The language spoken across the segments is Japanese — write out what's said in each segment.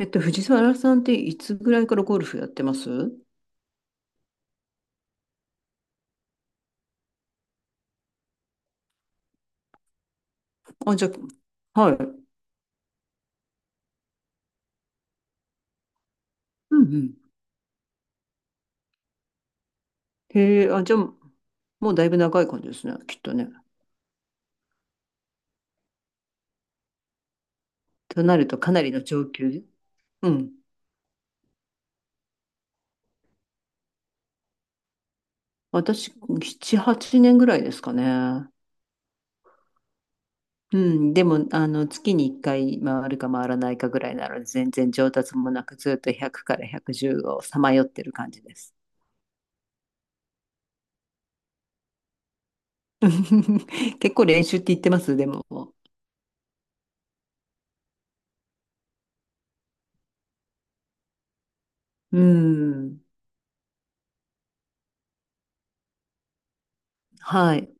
藤沢さんっていつぐらいからゴルフやってます？あ、じゃあ、はい。うんうん。へえ、あ、じゃあ、もうだいぶ長い感じですね、きっとね。となるとかなりの上級。うん。私、7、8年ぐらいですかね。うん。でも、あの、月に1回回るか回らないかぐらいなので、全然上達もなく、ずっと100から110をさまよってる感じです。結構練習って言ってます、でも。うん。はい。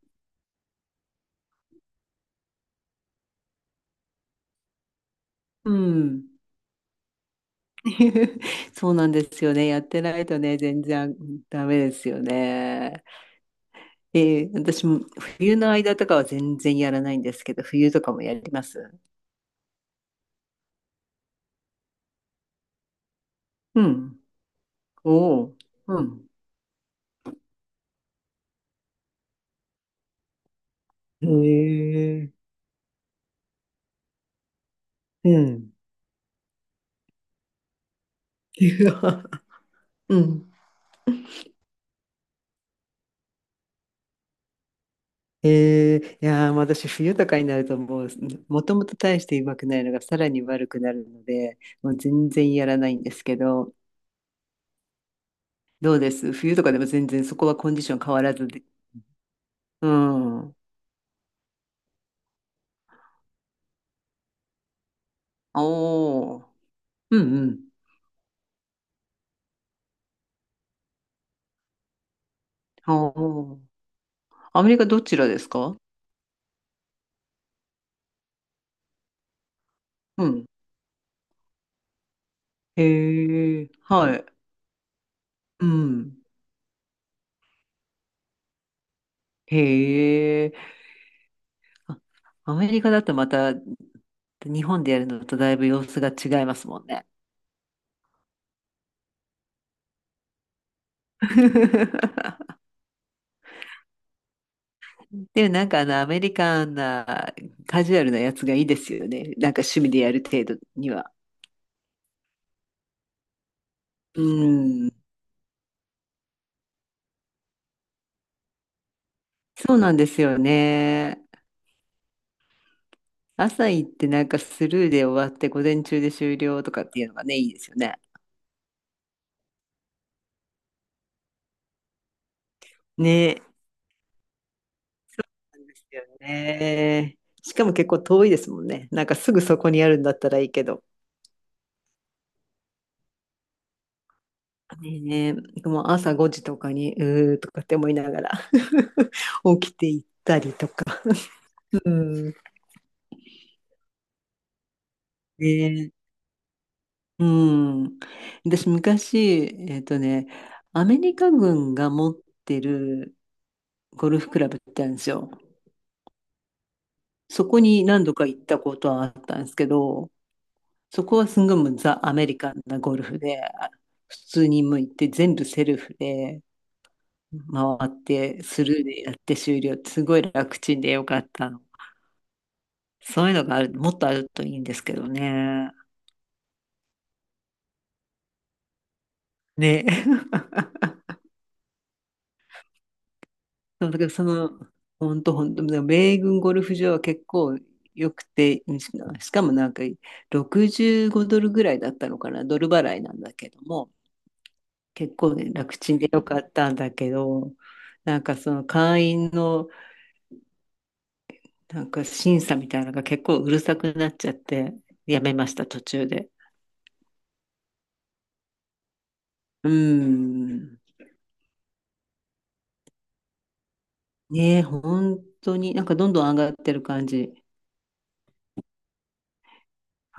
うん。そうなんですよね。やってないとね、全然ダメですよね。私も冬の間とかは全然やらないんですけど、冬とかもやります？うん。おお。うん。へえ。うん。うん。いやー、もう私、冬とかになると、もう、もともと大してうまくないのが、さらに悪くなるので、もう全然やらないんですけど、どうです？冬とかでも全然そこはコンディション変わらずで。うん。おお。うんうん。ああ。アメリカどちらですか？うん。へえ、はい。うん。へえ。あ、アメリカだとまた日本でやるのとだいぶ様子が違いますもんね。でもなんかあのアメリカンなカジュアルなやつがいいですよね。なんか趣味でやる程度には。うん。そうなんですよね。朝行ってなんかスルーで終わって午前中で終了とかっていうのがね、いいですよね。ねなんですよね。しかも結構遠いですもんね。なんかすぐそこにあるんだったらいいけど。ねえ、もう朝5時とかに、うーとかって思いながら 起きていったりとか。うん。ねえ、うん。私昔、ね、アメリカ軍が持ってるゴルフクラブってあるんですよ。そこに何度か行ったことはあったんですけど、そこはすんごいもうザ・アメリカンなゴルフで、普通に向いて全部セルフで回ってスルーでやって終了ってすごい楽ちんでよかったの。そういうのがもっとあるといいんですけどね。ね。そうだからその、本当本当米軍ゴルフ場は結構良くて、しかもなんか65ドルぐらいだったのかな、ドル払いなんだけども、結構ね、楽ちんでよかったんだけど、なんかその会員のなんか審査みたいなのが結構うるさくなっちゃって、やめました、途中で。うん。ねえ、本当に、なんかどんどん上がってる感じ。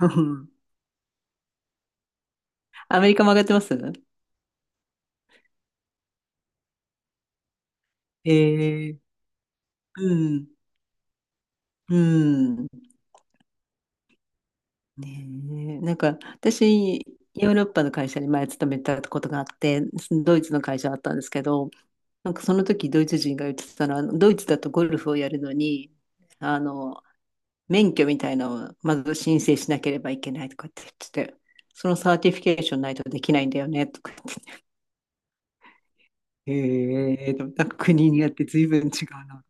うん、アメリカも上がってます？ええ、うん。うん。ねえ、なんか私、ヨーロッパの会社に前勤めたことがあって、ドイツの会社だったんですけど、なんかその時ドイツ人が言ってたのは、ドイツだとゴルフをやるのに、あの、免許みたいなのをまず申請しなければいけないとかって言ってて、そのサーティフィケーションないとできないんだよねとか言って、へえ、なんか国によって随分違うな。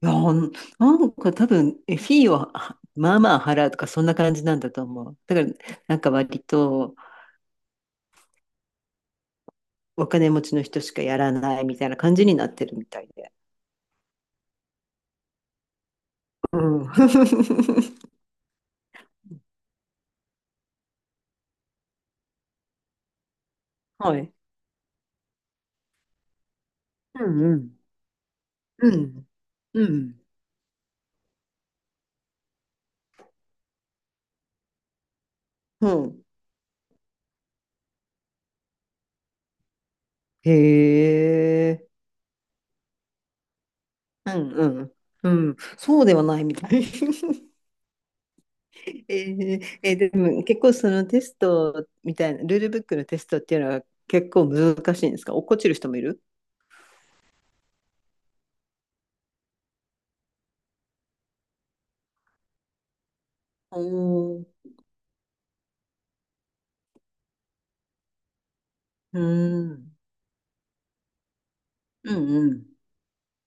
なんなんか多分、フィーをまあまあ払うとかそんな感じなんだと思う。だからなんか割とお金持ちの人しかやらないみたいな感じになってるみたいで。うん。はい。うんうん。うんうん。うん。へえ。うんうん。うん、そうではないみたい。えでも結構そのテストみたいな、ルールブックのテストっていうのは結構難しいんですか？落っこちる人もいる？おー、うん、うんうん、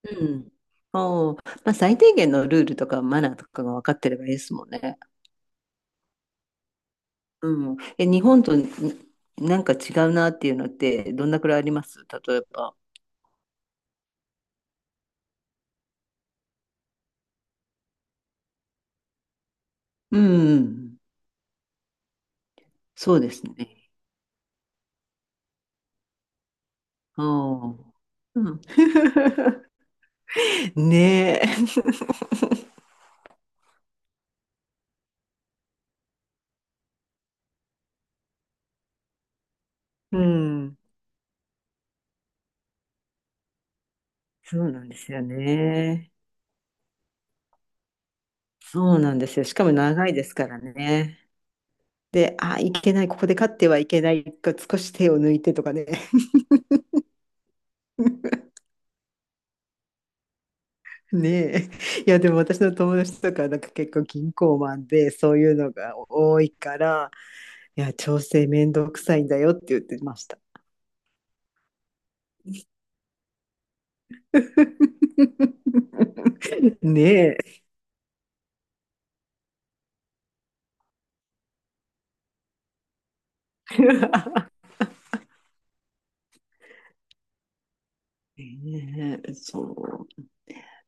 うん。おー、まあ、最低限のルールとかマナーとかが分かってればいいですもんね。うん。え、日本となんか違うなっていうのってどんなくらいあります？例えば。うんうん、そうですね。おー、うん。ねえ。うん。そうなんですよね。そうなんですよ。しかも長いですからね。で、あ、いけない、ここで勝ってはいけないか、少し手を抜いてとかね。ねえ。いや、でも私の友達とか、なんか結構銀行マンで、そういうのが多いから、いや、調整めんどくさいんだよって言ってました。ねえ。ねえ、そう。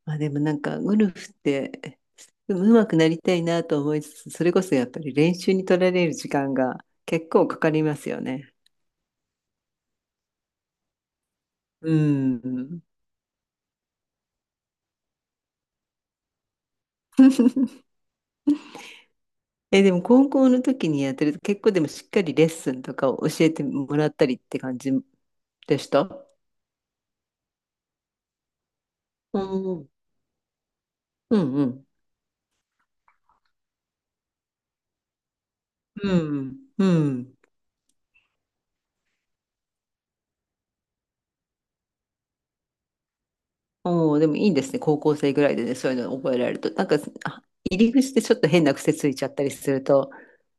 まあでもなんか、ゴルフって、でも上手くなりたいなと思いつつ、それこそやっぱり練習に取られる時間が結構かかりますよね。うん。え、でも高校の時にやってると結構でもしっかりレッスンとかを教えてもらったりって感じでした？ーうんうん。うん。うん。おおー、でもいいですね。高校生ぐらいでね、そういうのを覚えられると。なんか、あ、入り口でちょっと変な癖ついちゃったりすると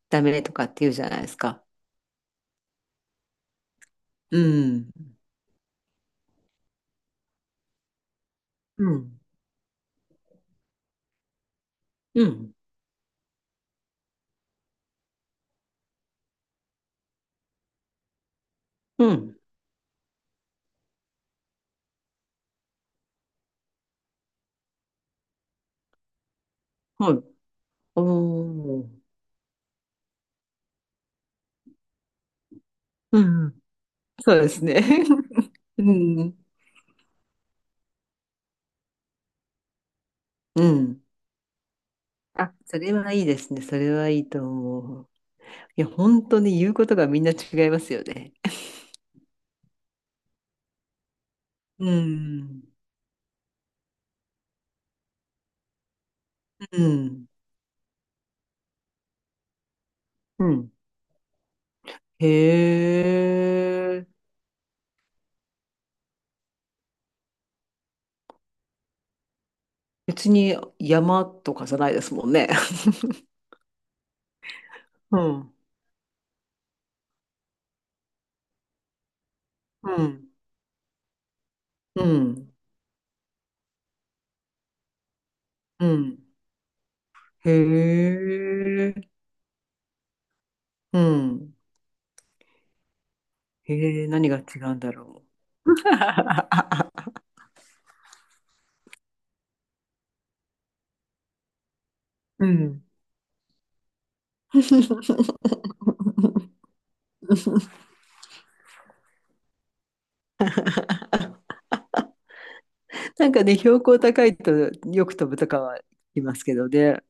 ダメとかって言うじゃないですか。うん。うん。うん。うん。はい。おー。うんうん。そうですね。うん。うん。あ、それはいいですね。それはいいと思う。いや、本当に言うことがみんな違いますよね。うん。うん。うん。へえ。別に山とかじゃないですもんね。うん。うん。うん。うん。へえ。うん。へえ、何が違うんだろう。うん。なんかね、標高高いとよく飛ぶとかはいますけどね。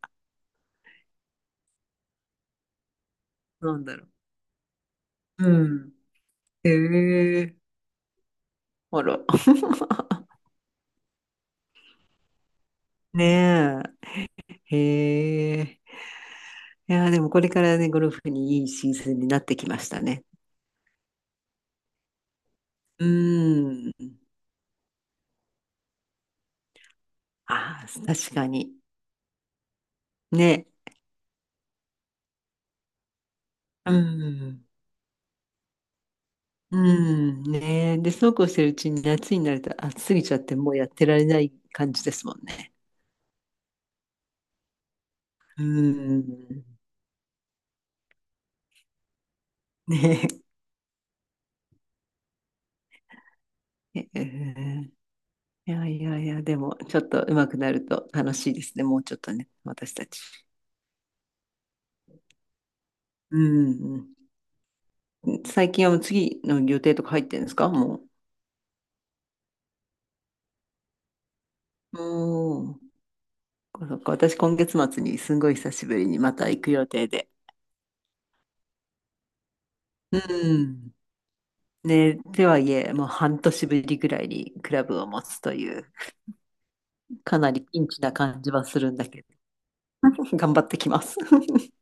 なんだろう。うん。へえ。あら。ねえ。へえ。いやー、でもこれからね、ゴルフにいいシーズンになってきましたね。うん。ああ、確かに。ね。うん。うん。ねえ。で、そうこうしてるうちに夏になると暑すぎちゃってもうやってられない感じですもんね。うん。ねえ。へえー、いやいやいや、でも、ちょっと上手くなると楽しいですね。もうちょっとね、私たち。うんうん。最近はもう次の予定とか入ってるんですか？もう。おー、そっか、私、今月末にすんごい久しぶりにまた行く予定で。うん。ね、とはいえ、もう半年ぶりぐらいにクラブを持つという、かなりピンチな感じはするんだけど、頑張ってきます。